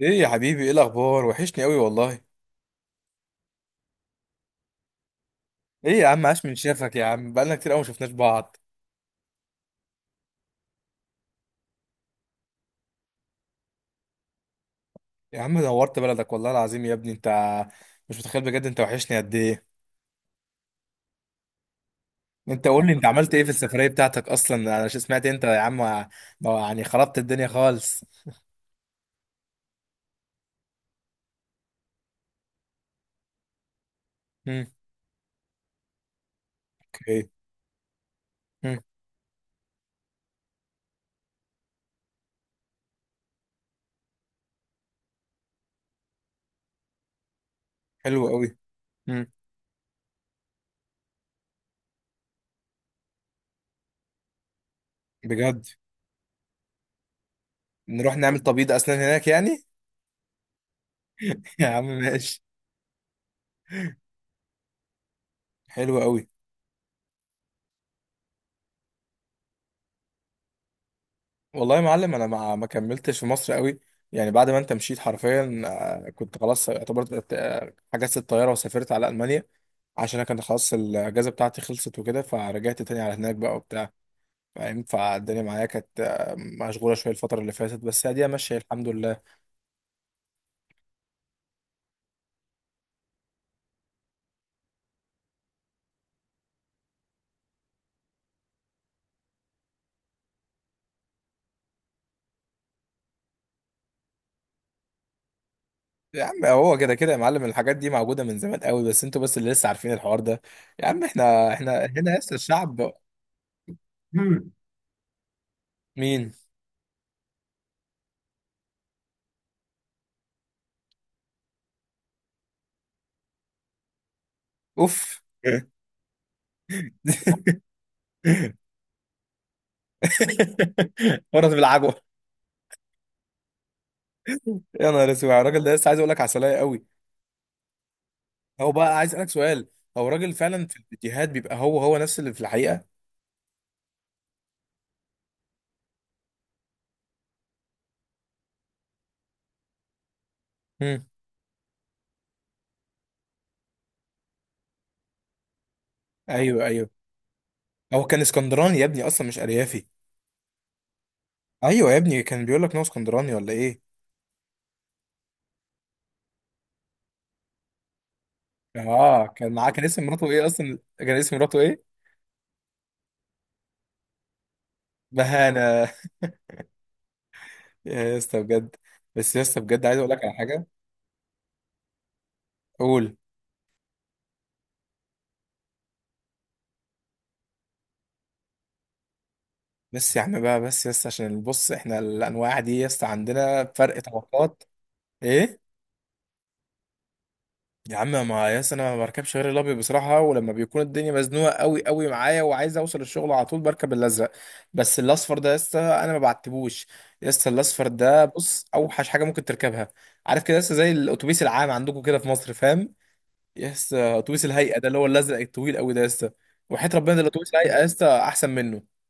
ايه يا حبيبي، ايه الاخبار؟ وحشني قوي والله. ايه يا عم، عاش من شافك يا عم، بقالنا كتير قوي ما شفناش بعض. يا عم نورت بلدك والله العظيم يا ابني انت. مش متخيل بجد انت وحشني قد ايه. انت قول لي، انت عملت ايه في السفرية بتاعتك اصلا؟ سمعت انت يا عم ما- يعني خربت الدنيا خالص. امم اوكي امم حلو قوي. امم بجد؟ نروح نعمل تبييض اسنان هناك يعني؟ يا عم ماشي. حلو قوي. والله يا معلم انا ما كملتش في مصر قوي. يعني بعد ما انت مشيت حرفيا كنت خلاص اعتبرت، حجزت الطياره وسافرت على المانيا. عشان انا كان خلاص الاجازه بتاعتي خلصت وكده، فرجعت تاني على هناك بقى وبتاع. فاهم، فالدنيا معايا كانت، مشغوله شويه الفتره اللي فاتت، بس هي دي ماشيه الحمد لله. يا عم هو كده كده يا معلم الحاجات دي موجوده من زمان قوي، بس انتوا بس اللي لسه عارفين الحوار ده. يا عم احنا، هنا لسه الشعب. مم. مين؟ اوف. ورد بالعجوه. يا نهار اسود على الراجل ده، لسه عايز اقول لك عسلية قوي. هو بقى عايز اسالك سؤال، هو الراجل فعلا في الفيديوهات بيبقى هو هو نفس اللي في الحقيقة؟ امم. ايوه ايوه. هو كان اسكندراني يا ابني اصلا، مش اريافي. ايوه يا ابني كان بيقول لك ان هو اسكندراني ولا ايه؟ اه كان معاه، كان اسم مراته ايه اصلا؟ كان اسم مراته ايه؟ بهانة؟ يا اسطى بجد. بس يا اسطى بجد عايز اقول لك على حاجة. قول. بس يا عم بقى، بس يا اسطى عشان بص احنا الانواع دي يا اسطى عندنا فرق طبقات. ايه يا عم، ما ياس انا ما بركبش غير الابيض بصراحه، ولما بيكون الدنيا مزنوقه قوي قوي معايا وعايز اوصل الشغل على طول بركب الازرق. بس الاصفر ده يس انا ما بعتبوش. يس الاصفر ده بص اوحش حاجه ممكن تركبها. عارف كده يس زي الاتوبيس العام عندكم كده في مصر، فاهم؟ يس اتوبيس الهيئه ده اللي هو الازرق الطويل قوي ده يس، وحياه ربنا ده الاتوبيس الهيئه يس احسن منه.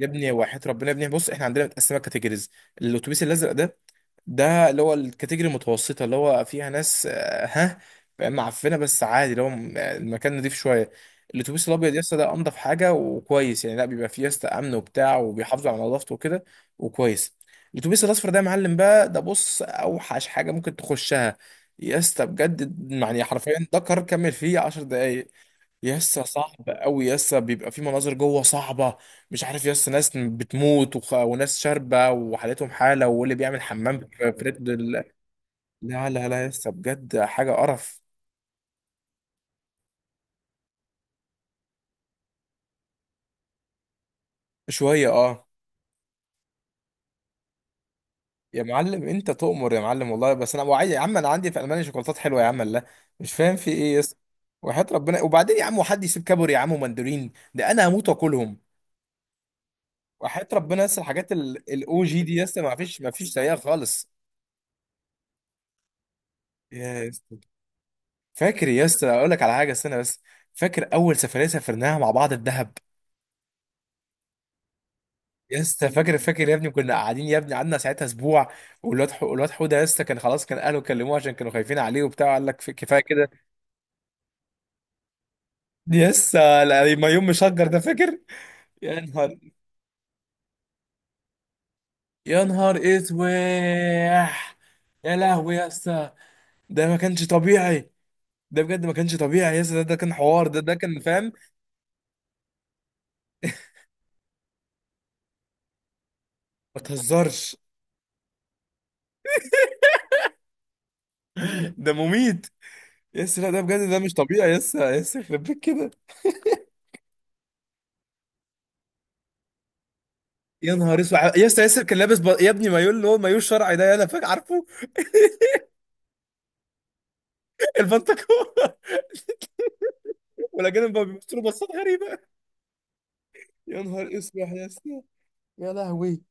يا ابني وحياه ربنا يا ابني بص احنا عندنا متقسمه كاتيجوريز. الاتوبيس الازرق ده، ده اللي هو الكاتيجوري المتوسطة اللي هو فيها ناس، ها، فاهم؟ معفنة، بس عادي اللي هو المكان نضيف شوية. الأتوبيس الأبيض يسطا ده أنضف حاجة وكويس، يعني لا بيبقى فيه يسطا أمن وبتاع وبيحافظوا على نظافته وكده. وكويس. الأتوبيس الأصفر ده يا معلم بقى، ده بص أوحش حاجة ممكن تخشها. يسطا بجد يعني حرفيا ده قرار كمل فيه 10 دقايق. يسا صعب قوي، يسا بيبقى في مناظر جوه صعبة. مش عارف يسا ناس بتموت وخ... وناس شاربة وحالتهم حالة واللي بيعمل حمام في فريد ال-. لا لا لا يسا بجد حاجة قرف. شوية اه. يا معلم انت تؤمر يا معلم والله، بس انا وعي... يا عم انا عندي في المانيا شوكولاتات حلوة يا عم، لا. مش فاهم في ايه يسا. وحياة ربنا، وبعدين يا عم وحد يسيب كابوري يا عم ومندورين؟ ده انا هموت واكلهم. وحياة ربنا يسا الحاجات الاو جي دي يسا ما فيش زيها خالص. يا يسا، فاكر يا اسطى اقول لك على حاجه، استنى بس. فاكر اول سفريه سافرناها مع بعض، الدهب؟ يا اسطى فاكر؟ فاكر يا ابني كنا قاعدين يا ابني، قعدنا ساعتها اسبوع. والواد الواد حوده يا اسطى كان خلاص، كان اهله كلموه عشان كانوا خايفين عليه وبتاع، قال لك كفايه كده. يا اسطى لا- ما يوم مشجر ده فاكر. يا نهار، يا نهار اسواح. يا لهوي يا اسطى، ده ما كانش طبيعي. ده بجد ما كانش طبيعي يا اسطى، ده كان حوار، ده كان فاهم. ما تهزرش، ده مميت. يا اسطى لا ده بجد ده مش طبيعي يا اسطى، يا اسطى يخرب بيت كده. يا نهار اسود يا اسطى، ياسر كان لابس ب... يا ابني مايو اللي هو مايو الشرعي ده، انا فاكر عارفه. البنطلون. والاجانب بقى بيبصوا له بصات غريبه. يا نهار اسود يا اسطى، يا لهوي،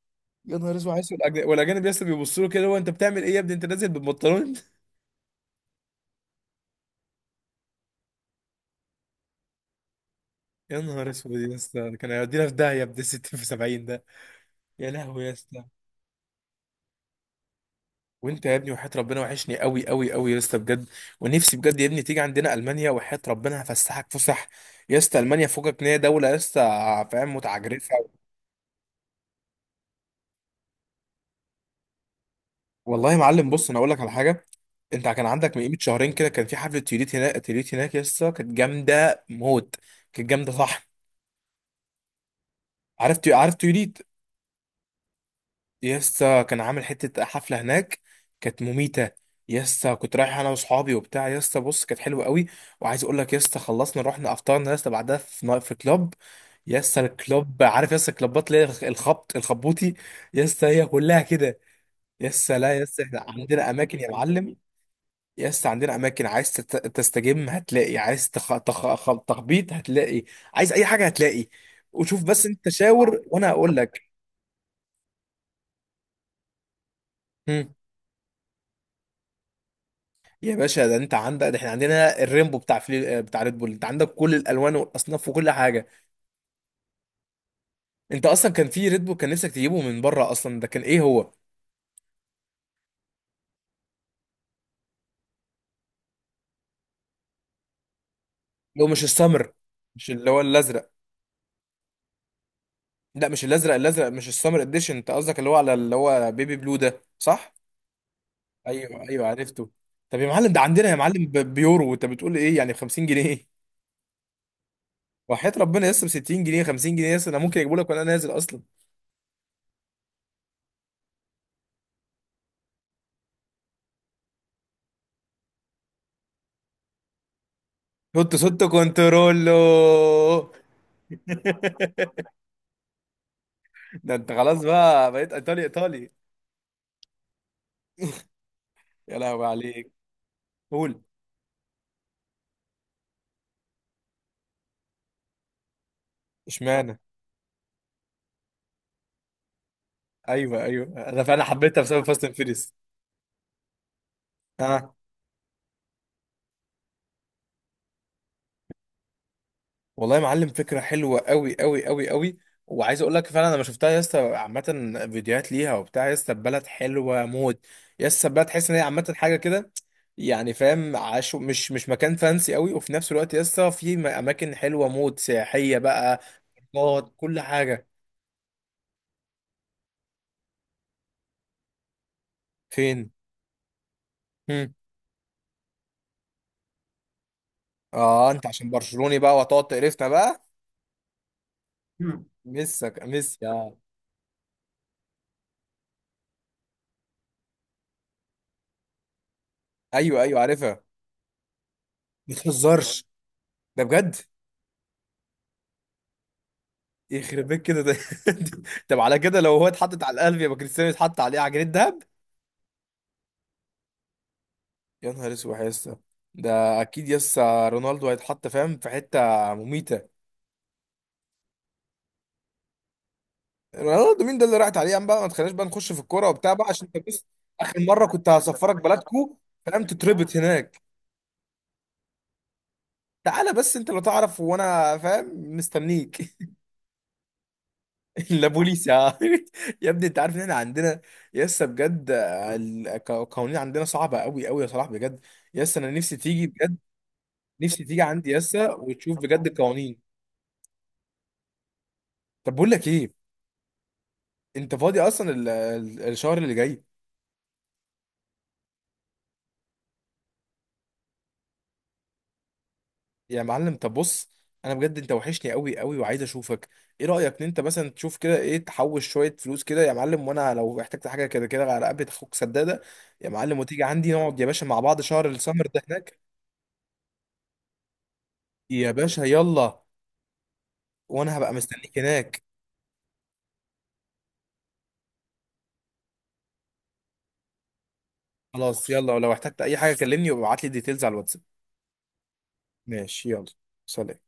يا نهار اسود عايز، والاجانب يا اسطى بيبصوا له كده، هو انت بتعمل ايه يا ابني انت نازل بالبنطلون؟ يا نهار اسود يا اسطى، كان هيودينا في داهيه، ابن 60 في 70 ده. يا لهوي يا اسطى. وانت يا ابني وحياة ربنا وحشني قوي قوي قوي يا اسطى بجد. ونفسي بجد يا ابني تيجي عندنا المانيا، وحياة ربنا هفسحك فسح. يا اسطى المانيا فوقك ان هي دوله يا اسطى، فاهم، متعجرفه. والله يا معلم بص انا اقول لك على حاجه. انت كان عندك من قيمه شهرين كده كان في حفله تيوليت هناك، تيوليت هناك يا اسطى كانت جامده موت. كانت جامده صح؟ عارف عارف تيوليت؟ يا اسطى كان عامل حته حفله هناك، كانت مميته. يا اسطى كنت رايح انا واصحابي وبتاع، يا اسطى بص كانت حلوه قوي. وعايز اقول لك يا اسطى، خلصنا رحنا افطرنا يا اسطى بعدها في في كلاب. يا اسطى الكلاب عارف يا اسطى الكلابات اللي هي الخبط الخبوطي؟ يا اسطى هي كلها كده. يا اسطى لا يا اسطى احنا عندنا اماكن يا معلم. يا اسطى عندنا اماكن، عايز تستجم هتلاقي، عايز تخبيط هتلاقي، عايز اي حاجه هتلاقي. وشوف بس انت، شاور وانا هقول لك. هم. يا باشا ده انت عندك، ده احنا عندنا الريمبو بتاع بتاع ريد بول، انت عندك كل الالوان والاصناف وكل حاجه. انت اصلا كان في ريد بول كان نفسك تجيبه من بره اصلا، ده كان ايه هو اللي. هو مش السمر؟ مش اللي هو الازرق؟ لا مش الازرق، الازرق مش السمر اديشن، انت قصدك اللي هو على اللي هو بيبي بلو ده صح؟ ايوه ايوه عرفته. طب يا معلم ده عندنا يا معلم ب- بيورو، وانت بتقول ايه يعني، ب 50 جنيه؟ وحياة ربنا لسه ب 60 جنيه، 50 جنيه، لسه انا ممكن اجيبه لك وانا نازل اصلا. حط صوت كنترولو. ده انت خلاص بقى بقيت ايطالي ايطالي. يا لهوي عليك. قول. اشمعنى؟ ايوه ايوه انا فعلا حبيتها بسبب فاست اند فيريس. والله يا معلم فكرة حلوة قوي قوي قوي قوي. وعايز اقول لك فعلا انا شفتها يا اسطى عامة، فيديوهات ليها وبتاع يا اسطى، البلد حلوة موت. يا اسطى البلد تحس ان هي عامة حاجة كده، يعني فاهم، عاشو مش مكان فانسي قوي، وفي نفس الوقت يا اسطى في اماكن حلوة موت سياحية بقى. نقط كل حاجة. فين؟ هم. اه انت عشان برشلوني بقى وهتقعد تقرفنا بقى. مم. مسك مس يا. ايوه ايوه عارفها. ما تهزرش، ده بجد. يخرب بيت كده ده. طب على كده لو هو اتحطت على القلب، يبقى كريستيانو يتحط عليه عجينة دهب. يا نهار اسود يا اسطى، ده اكيد يسا رونالدو هيتحط فاهم في حتة مميتة. رونالدو مين ده اللي راحت عليه يا عم بقى، ما تخليناش بقى نخش في الكورة وبتاع بقى عشان انت بس. اخر مرة كنت هسفرك بلدكو، فاهم، تتربط هناك. تعالى، بس انت لو تعرف وانا فاهم مستنيك. لا بوليس يا. يا ابني انت عارف ان احنا عندنا يسا بجد القوانين عندنا صعبة قوي قوي يا صلاح بجد. يس انا نفسي تيجي. نفسي تيجي عندي يسا وتشوف بجد القوانين. طب بقول لك ايه، انت فاضي اصلا الشهر اللي جاي؟ يا معلم طب بص، انا بجد انت وحشني قوي قوي وعايز اشوفك. ايه رايك ان انت مثلا تشوف كده، ايه، تحوش شويه فلوس كده يا معلم، وانا لو احتجت حاجه كده كده على قبل اخوك سداده؟ يا معلم وتيجي عندي نقعد يا باشا مع بعض شهر السمر ده هناك. يا باشا يلا، وانا هبقى مستنيك هناك. خلاص يلا، ولو احتجت اي حاجه كلمني وابعت لي ديتيلز على الواتساب. ماشي يلا. سلام.